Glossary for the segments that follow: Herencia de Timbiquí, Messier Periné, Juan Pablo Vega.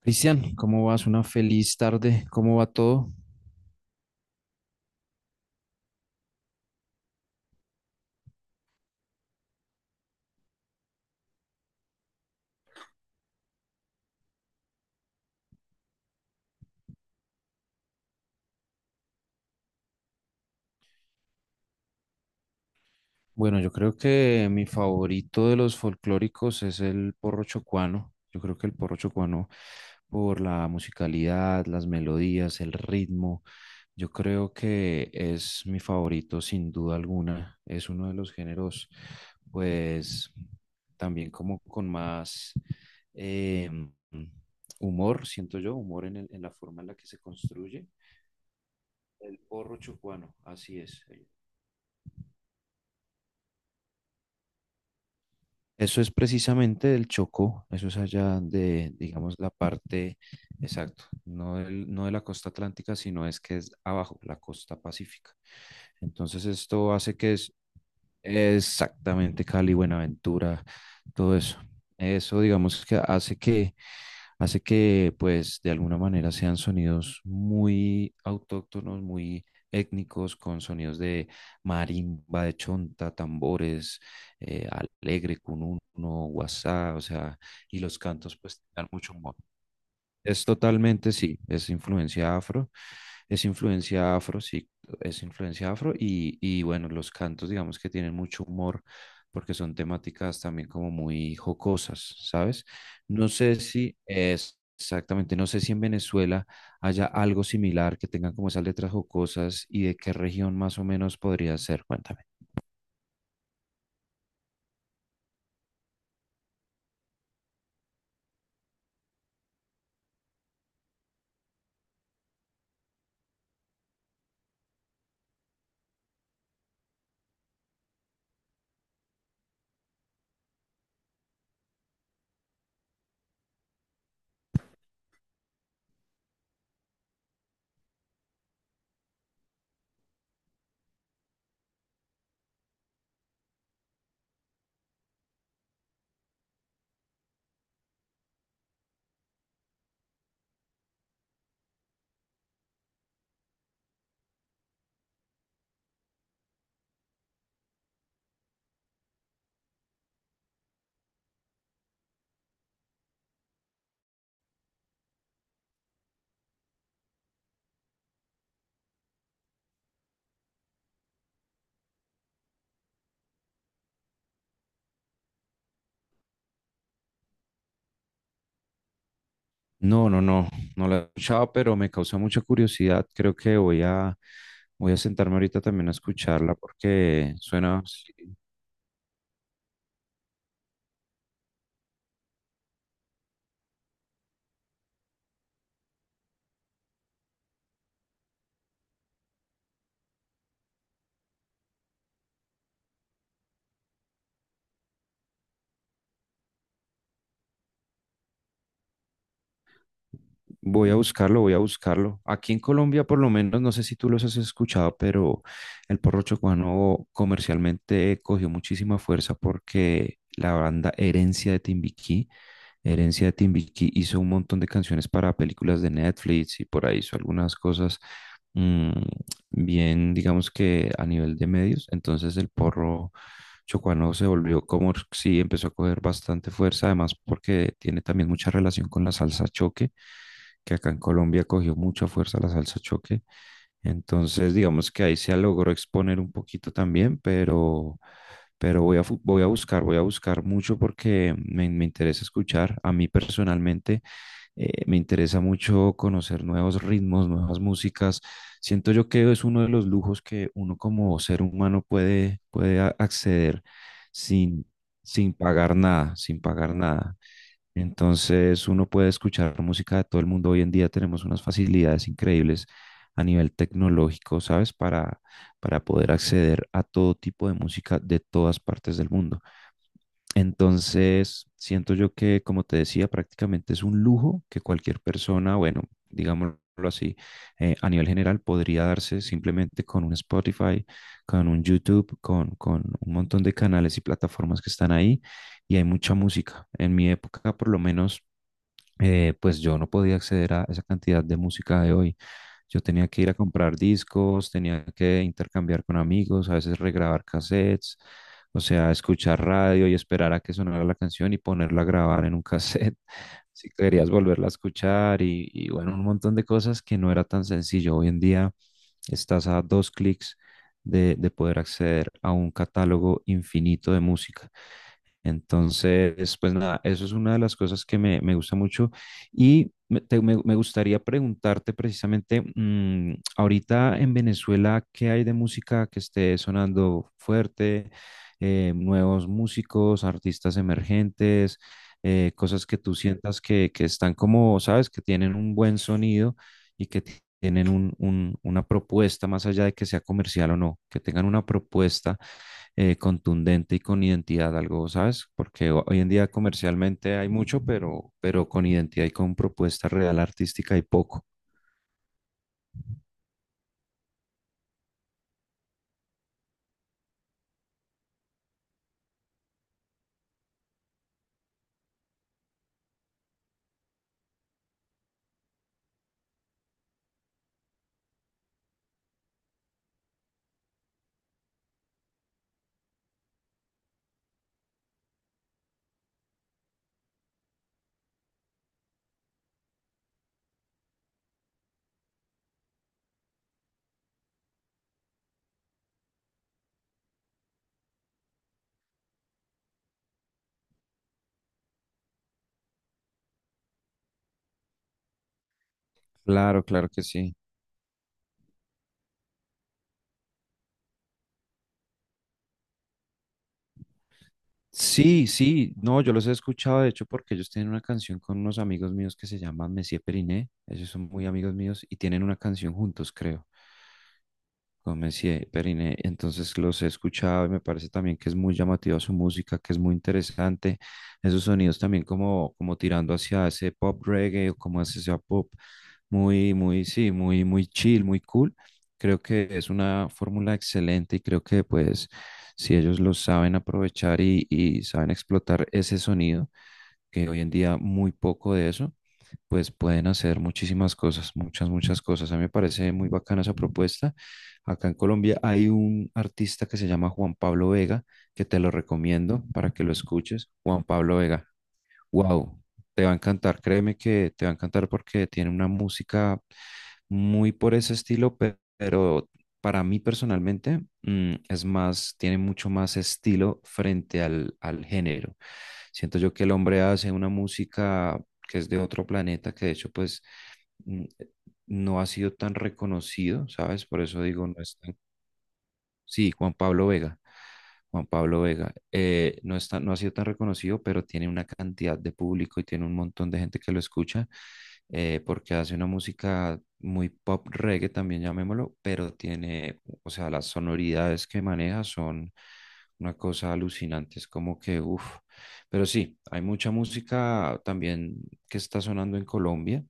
Cristian, ¿cómo vas? Una feliz tarde. ¿Cómo va todo? Bueno, yo creo que mi favorito de los folclóricos es el porro chocuano. Yo creo que el porro chocuano, por la musicalidad, las melodías, el ritmo, yo creo que es mi favorito sin duda alguna. Es uno de los géneros, pues, también como con más eh, humor, siento yo, humor en en la forma en la que se construye. El porro chocuano, así es. Eso es precisamente del Chocó, eso es allá de, digamos, la parte, exacto, no, no de la costa atlántica, sino es que es abajo, la costa pacífica. Entonces esto hace que es exactamente Cali, Buenaventura, todo eso. Eso, digamos, que hace que pues de alguna manera sean sonidos muy autóctonos, muy étnicos, con sonidos de marimba, de chonta, tambores, eh, alegre, cununo, guasá, o sea, y los cantos pues dan mucho humor. Es totalmente, sí, es influencia afro, sí, es influencia afro y bueno, los cantos digamos que tienen mucho humor porque son temáticas también como muy jocosas, ¿sabes? No sé si es exactamente, no sé si en Venezuela haya algo similar que tengan como esas letras jocosas y de qué región más o menos podría ser, cuéntame. No, no, no, no la he escuchado, pero me causa mucha curiosidad. Creo que voy a sentarme ahorita también a escucharla porque suena, sí, voy a buscarlo, voy a buscarlo. Aquí en Colombia, por lo menos, no sé si tú los has escuchado, pero el porro chocuano comercialmente cogió muchísima fuerza porque la banda Herencia de Timbiquí hizo un montón de canciones para películas de Netflix y por ahí hizo algunas cosas mm, bien, digamos que a nivel de medios. Entonces el porro chocuano se volvió como, sí, empezó a coger bastante fuerza, además porque tiene también mucha relación con la salsa choque que acá en Colombia cogió mucha fuerza la salsa choque. Entonces, digamos que ahí se logró exponer un poquito también, pero voy a buscar mucho porque me interesa escuchar. A mí personalmente me interesa mucho conocer nuevos ritmos, nuevas músicas. Siento yo que es uno de los lujos que uno como ser humano puede, puede acceder sin, sin pagar nada, sin pagar nada. Entonces uno puede escuchar música de todo el mundo. Hoy en día tenemos unas facilidades increíbles a nivel tecnológico, ¿sabes? Para poder acceder a todo tipo de música de todas partes del mundo. Entonces, siento yo que, como te decía, prácticamente es un lujo que cualquier persona, bueno, digámoslo así, a nivel general podría darse simplemente con un Spotify, con un YouTube, con un montón de canales y plataformas que están ahí y hay mucha música. En mi época, por lo menos, pues yo no podía acceder a esa cantidad de música de hoy. Yo tenía que ir a comprar discos, tenía que intercambiar con amigos, a veces regrabar cassettes, o sea, escuchar radio y esperar a que sonara la canción y ponerla a grabar en un cassette si querías volverla a escuchar y bueno, un montón de cosas que no era tan sencillo. Hoy en día estás a dos clics de poder acceder a un catálogo infinito de música. Entonces, pues nada, eso es una de las cosas que me gusta mucho y me gustaría preguntarte precisamente, ahorita en Venezuela, ¿qué hay de música que esté sonando fuerte? Nuevos músicos, artistas emergentes, cosas que tú sientas que están como, sabes, que tienen un buen sonido y que tienen una propuesta más allá de que sea comercial o no, que tengan una propuesta contundente y con identidad, algo, ¿sabes? Porque hoy en día comercialmente hay mucho, pero con identidad y con propuesta real artística hay poco. Claro, claro que sí. Sí, sí, no, yo los he escuchado, de hecho, porque ellos tienen una canción con unos amigos míos que se llaman Messier Periné, ellos son muy amigos míos y tienen una canción juntos, creo. Con Messier, Periné. Entonces los he escuchado y me parece también que es muy llamativa su música, que es muy interesante. Esos sonidos también como, como tirando hacia ese pop reggae o como hacia ese pop muy, muy, sí, muy, muy chill, muy cool. Creo que es una fórmula excelente y creo que pues si ellos lo saben aprovechar y saben explotar ese sonido, que hoy en día muy poco de eso pues pueden hacer muchísimas cosas, muchas, muchas cosas. A mí me parece muy bacana esa propuesta. Acá en Colombia hay un artista que se llama Juan Pablo Vega, que te lo recomiendo para que lo escuches. Juan Pablo Vega, wow, te va a encantar, créeme que te va a encantar porque tiene una música muy por ese estilo, pero para mí personalmente es más, tiene mucho más estilo frente al, al género. Siento yo que el hombre hace una música que es de otro planeta, que de hecho pues mm, no ha sido tan reconocido, ¿sabes? Por eso digo, no es tan... Sí, Juan Pablo Vega. Juan Pablo Vega, no está, no ha sido tan reconocido, pero tiene una cantidad de público y tiene un montón de gente que lo escucha porque hace una música muy pop reggae también llamémoslo, pero tiene, o sea, las sonoridades que maneja son una cosa alucinante, es como que, uff, pero sí, hay mucha música también que está sonando en Colombia,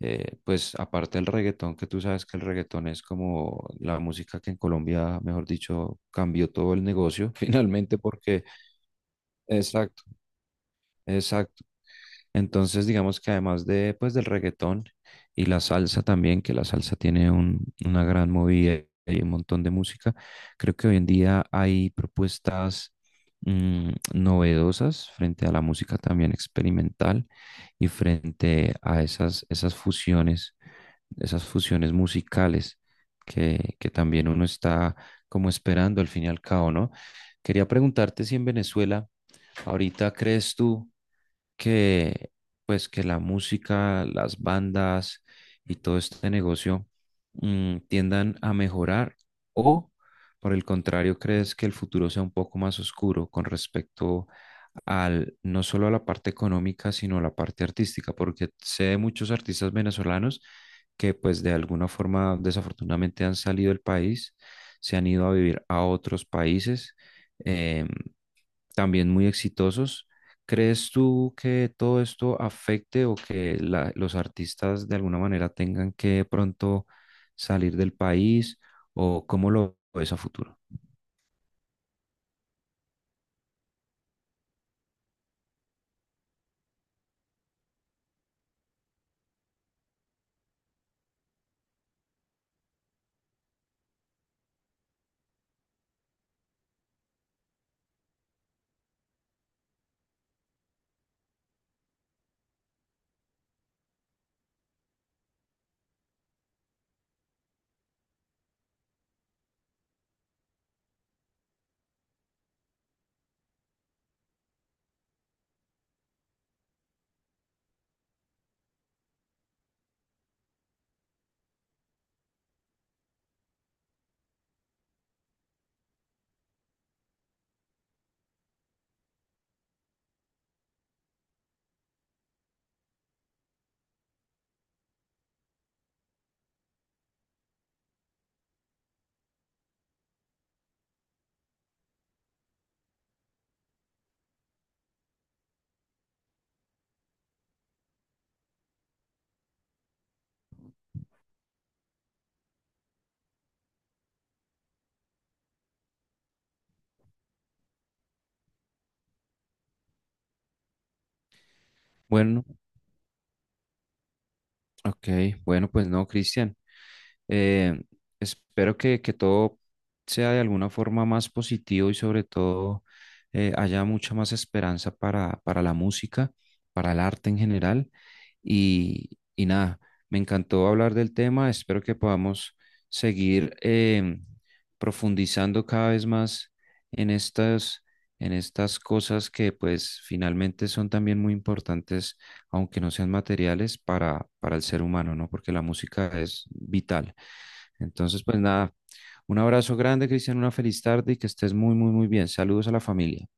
pues aparte del reggaetón, que tú sabes que el reggaetón es como la música que en Colombia, mejor dicho, cambió todo el negocio finalmente porque, exacto. Exacto. Entonces, digamos que además de, pues, del reggaetón y la salsa también, que la salsa tiene una gran movida y un montón de música, creo que hoy en día hay propuestas novedosas frente a la música también experimental y frente a esas, esas fusiones musicales que también uno está como esperando al fin y al cabo, ¿no? Quería preguntarte si en Venezuela ahorita crees tú que pues que la música, las bandas y todo este negocio tiendan a mejorar o por el contrario, crees que el futuro sea un poco más oscuro con respecto al no solo a la parte económica, sino a la parte artística, porque sé de muchos artistas venezolanos que pues de alguna forma desafortunadamente han salido del país, se han ido a vivir a otros países em, también muy exitosos. ¿Crees tú que todo esto afecte o que los artistas de alguna manera tengan que pronto salir del país o cómo lo ves a futuro? Bueno, ok, bueno, pues no, Cristian. Eh, Espero que todo sea de alguna forma más positivo y sobre todo haya mucha más esperanza para la música, para el arte en general. Y nada, me encantó hablar del tema. Espero que podamos seguir em, profundizando cada vez más en estas, en estas cosas que pues finalmente son también muy importantes, aunque no sean materiales, para el ser humano, ¿no? Porque la música es vital. Entonces, pues nada, un abrazo grande, Cristian, una feliz tarde y que estés muy, muy, muy bien. Saludos a la familia.